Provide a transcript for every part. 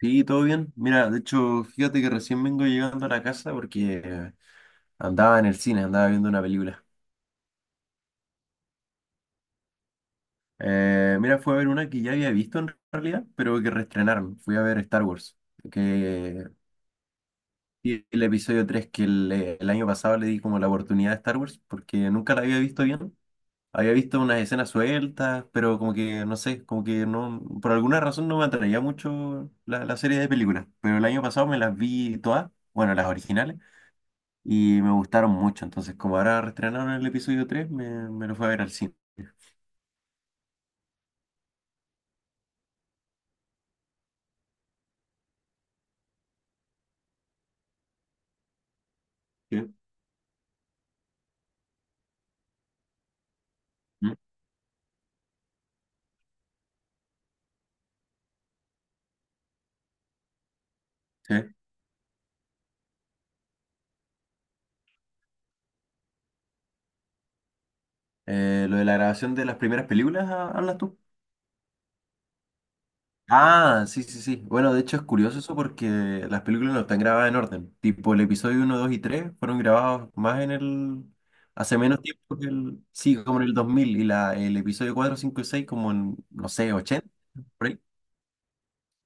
Sí, todo bien. Mira, de hecho, fíjate que recién vengo llegando a la casa porque andaba en el cine, andaba viendo una película. Mira, fui a ver una que ya había visto en realidad, pero que reestrenaron. Fui a ver Star Wars, que y el episodio 3, que el año pasado le di como la oportunidad a Star Wars, porque nunca la había visto bien. Había visto unas escenas sueltas, pero como que, no sé, como que no, por alguna razón no me atraía mucho la serie de películas. Pero el año pasado me las vi todas, bueno, las originales. Y me gustaron mucho. Entonces, como ahora reestrenaron el episodio 3, me lo fui a ver al cine. Sí. Mm, sí. Lo de la grabación de las primeras películas, ah, ¿hablas tú? Ah, sí, sí, sí. Bueno, de hecho es curioso eso porque las películas no están grabadas en orden. Tipo, el episodio 1, 2 y 3 fueron grabados más en el... Hace menos tiempo que el... Sí, como en el 2000 y el episodio 4, 5 y 6 como en, no sé, 80 por ahí.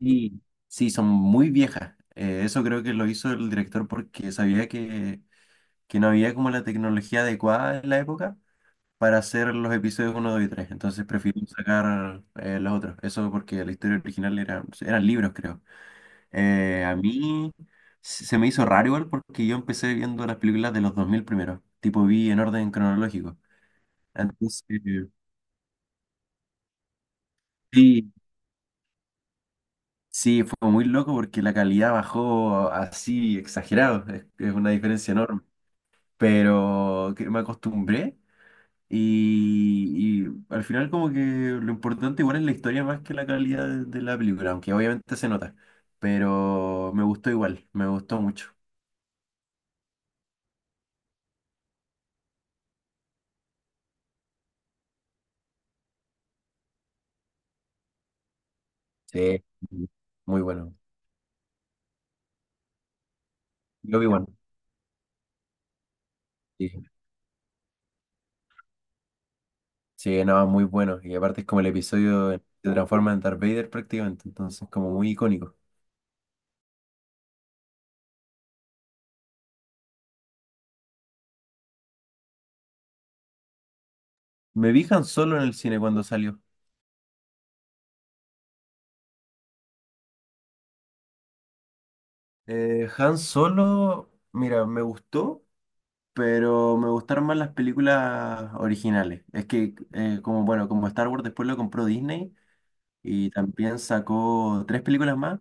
Sí, sí, son muy viejas. Eso creo que lo hizo el director porque sabía que no había como la tecnología adecuada en la época para hacer los episodios 1, 2 y 3. Entonces prefiero sacar, los otros. Eso porque la historia original eran libros, creo. A mí se me hizo raro igual porque yo empecé viendo las películas de los 2000 primero. Tipo, vi en orden cronológico. Entonces, sí, sí, fue muy loco porque la calidad bajó así exagerado. Es una diferencia enorme. Pero que me acostumbré. Y al final como que lo importante igual es la historia más que la calidad de la película, aunque obviamente se nota, pero me gustó igual, me gustó mucho. Sí, muy bueno. Yo vi bueno. Sí, sí, no, muy bueno. Y aparte es como el episodio que se transforma en Darth Vader prácticamente, entonces como muy icónico. Me vi Han Solo en el cine cuando salió. Han Solo, mira, me gustó, pero me gustaron más las películas originales. Es que, como bueno, como Star Wars después lo compró Disney y también sacó tres películas más,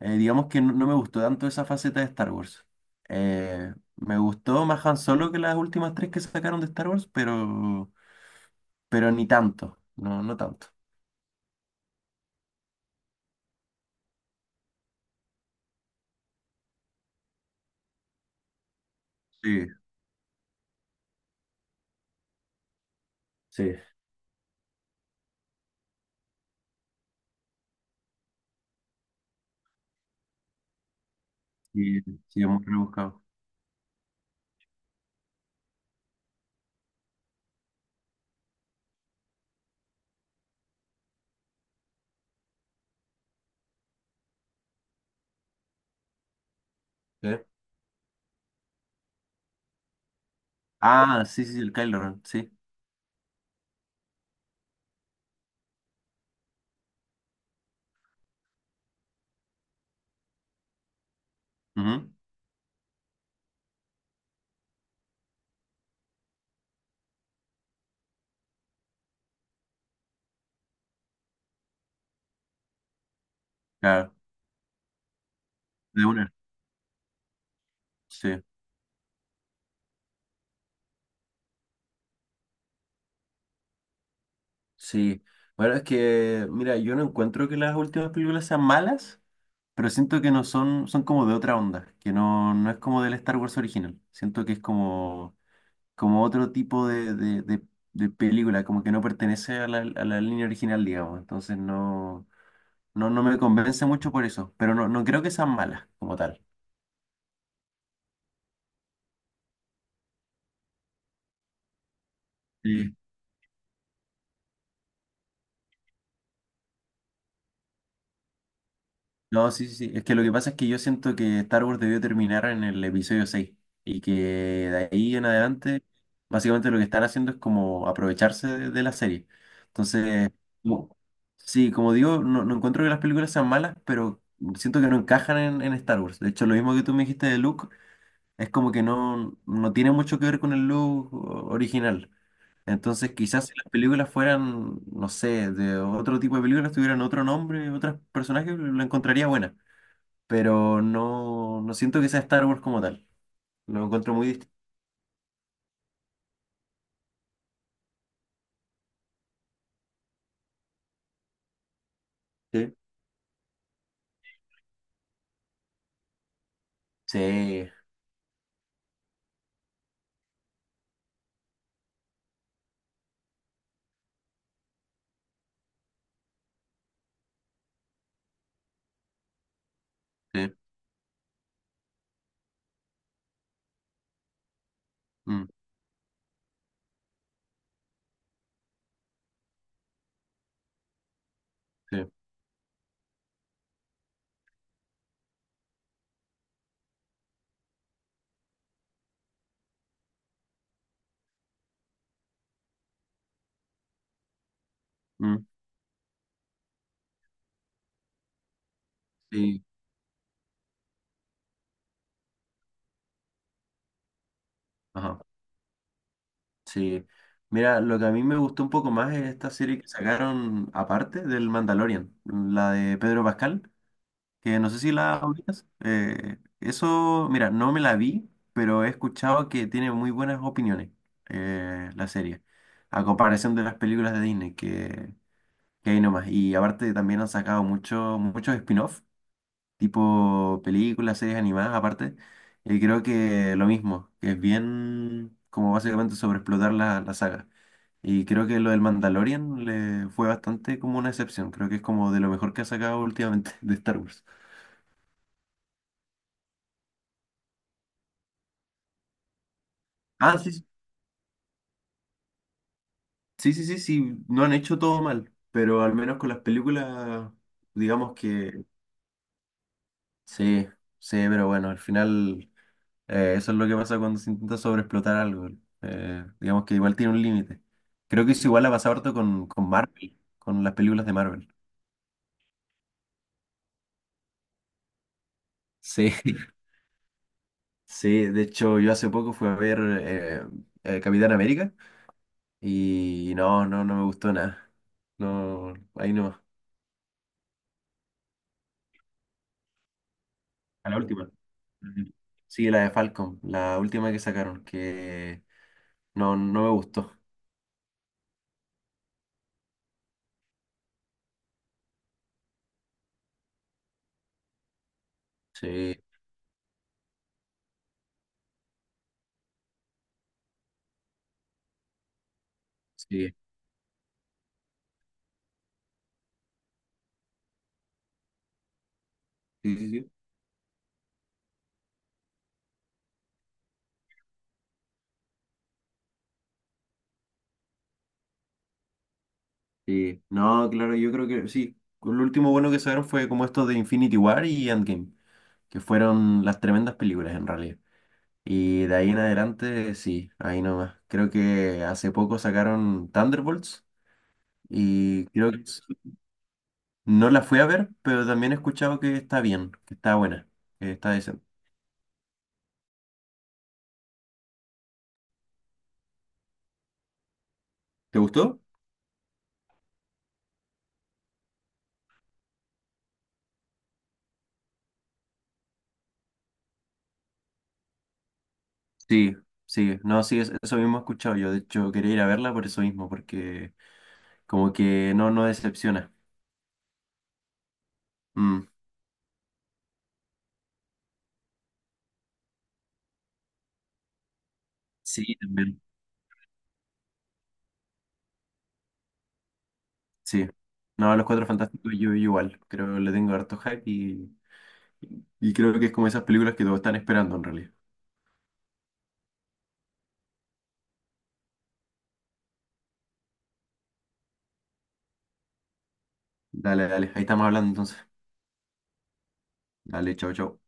digamos que no, no me gustó tanto esa faceta de Star Wars. Me gustó más Han Solo que las últimas tres que sacaron de Star Wars, pero, ni tanto, no, no tanto. Sí, sí, sí, sí, es muy rebuscado. Sí. Ah, sí, sí, sí, el Kylo Ren, sí. Ujú, claro, de una, sí. Sí, bueno, es que, mira, yo no encuentro que las últimas películas sean malas, pero siento que no son, como de otra onda, que no, no es como del Star Wars original. Siento que es como otro tipo de película, como que no pertenece a la línea original, digamos. Entonces no, no, no me convence mucho por eso, pero no, no creo que sean malas como tal. No, sí, sí, sí. Es que lo que pasa es que yo siento que Star Wars debió terminar en el episodio 6 y que de ahí en adelante, básicamente lo que están haciendo es como aprovecharse de la serie. Entonces, como- sí, como digo, no, no encuentro que las películas sean malas, pero siento que no encajan en Star Wars. De hecho, lo mismo que tú me dijiste de Luke, es como que no, no tiene mucho que ver con el Luke original. Entonces, quizás si las películas fueran, no sé, de otro tipo de películas, tuvieran otro nombre, otros personajes, lo encontraría buena, pero no, no siento que sea Star Wars como tal. Lo encuentro muy distinto. Sí, sí, sí, mm, sí, mm, sí, ajá, sí. Mira, lo que a mí me gustó un poco más es esta serie que sacaron aparte del Mandalorian, la de Pedro Pascal, que no sé si la ubicas. Eso, mira, no me la vi, pero he escuchado que tiene muy buenas opiniones, la serie, a comparación de las películas de Disney, que hay nomás. Y aparte también han sacado muchos spin-off, tipo películas, series animadas, aparte. Y creo que lo mismo, que es bien como básicamente sobreexplotar la saga. Y creo que lo del Mandalorian le fue bastante como una excepción. Creo que es como de lo mejor que ha sacado últimamente de Star Wars. Ah, sí, sí, sí, sí, sí, no han hecho todo mal, pero al menos con las películas, digamos que sí, sí, pero bueno, al final. Eso es lo que pasa cuando se intenta sobreexplotar algo. Digamos que igual tiene un límite. Creo que eso igual ha pasado harto con Marvel, con las películas de Marvel. Sí. Sí, de hecho yo hace poco fui a ver Capitán América y no, no, no me gustó nada. No, ahí no. A la última. Ujú. Sí, la de Falcon, la última que sacaron, que no, no me gustó. Sí, sí, sí, sí, sí. Sí, no, claro, yo creo que sí. Lo último bueno que sacaron fue como esto de Infinity War y Endgame, que fueron las tremendas películas en realidad. Y de ahí en adelante, sí, ahí nomás. Creo que hace poco sacaron Thunderbolts y creo que no la fui a ver, pero también he escuchado que está bien, que está buena, que está decente. ¿Te gustó? Sí, sí, no, sí, eso mismo he escuchado yo. De hecho, quería ir a verla por eso mismo, porque como que no, no decepciona. Mm, sí, también. Sí. No, Los Cuatro Fantásticos yo igual. Creo que le tengo harto hype y creo que es como esas películas que todos están esperando en realidad. Dale, dale. Ahí estamos hablando entonces. Dale, chao, chao.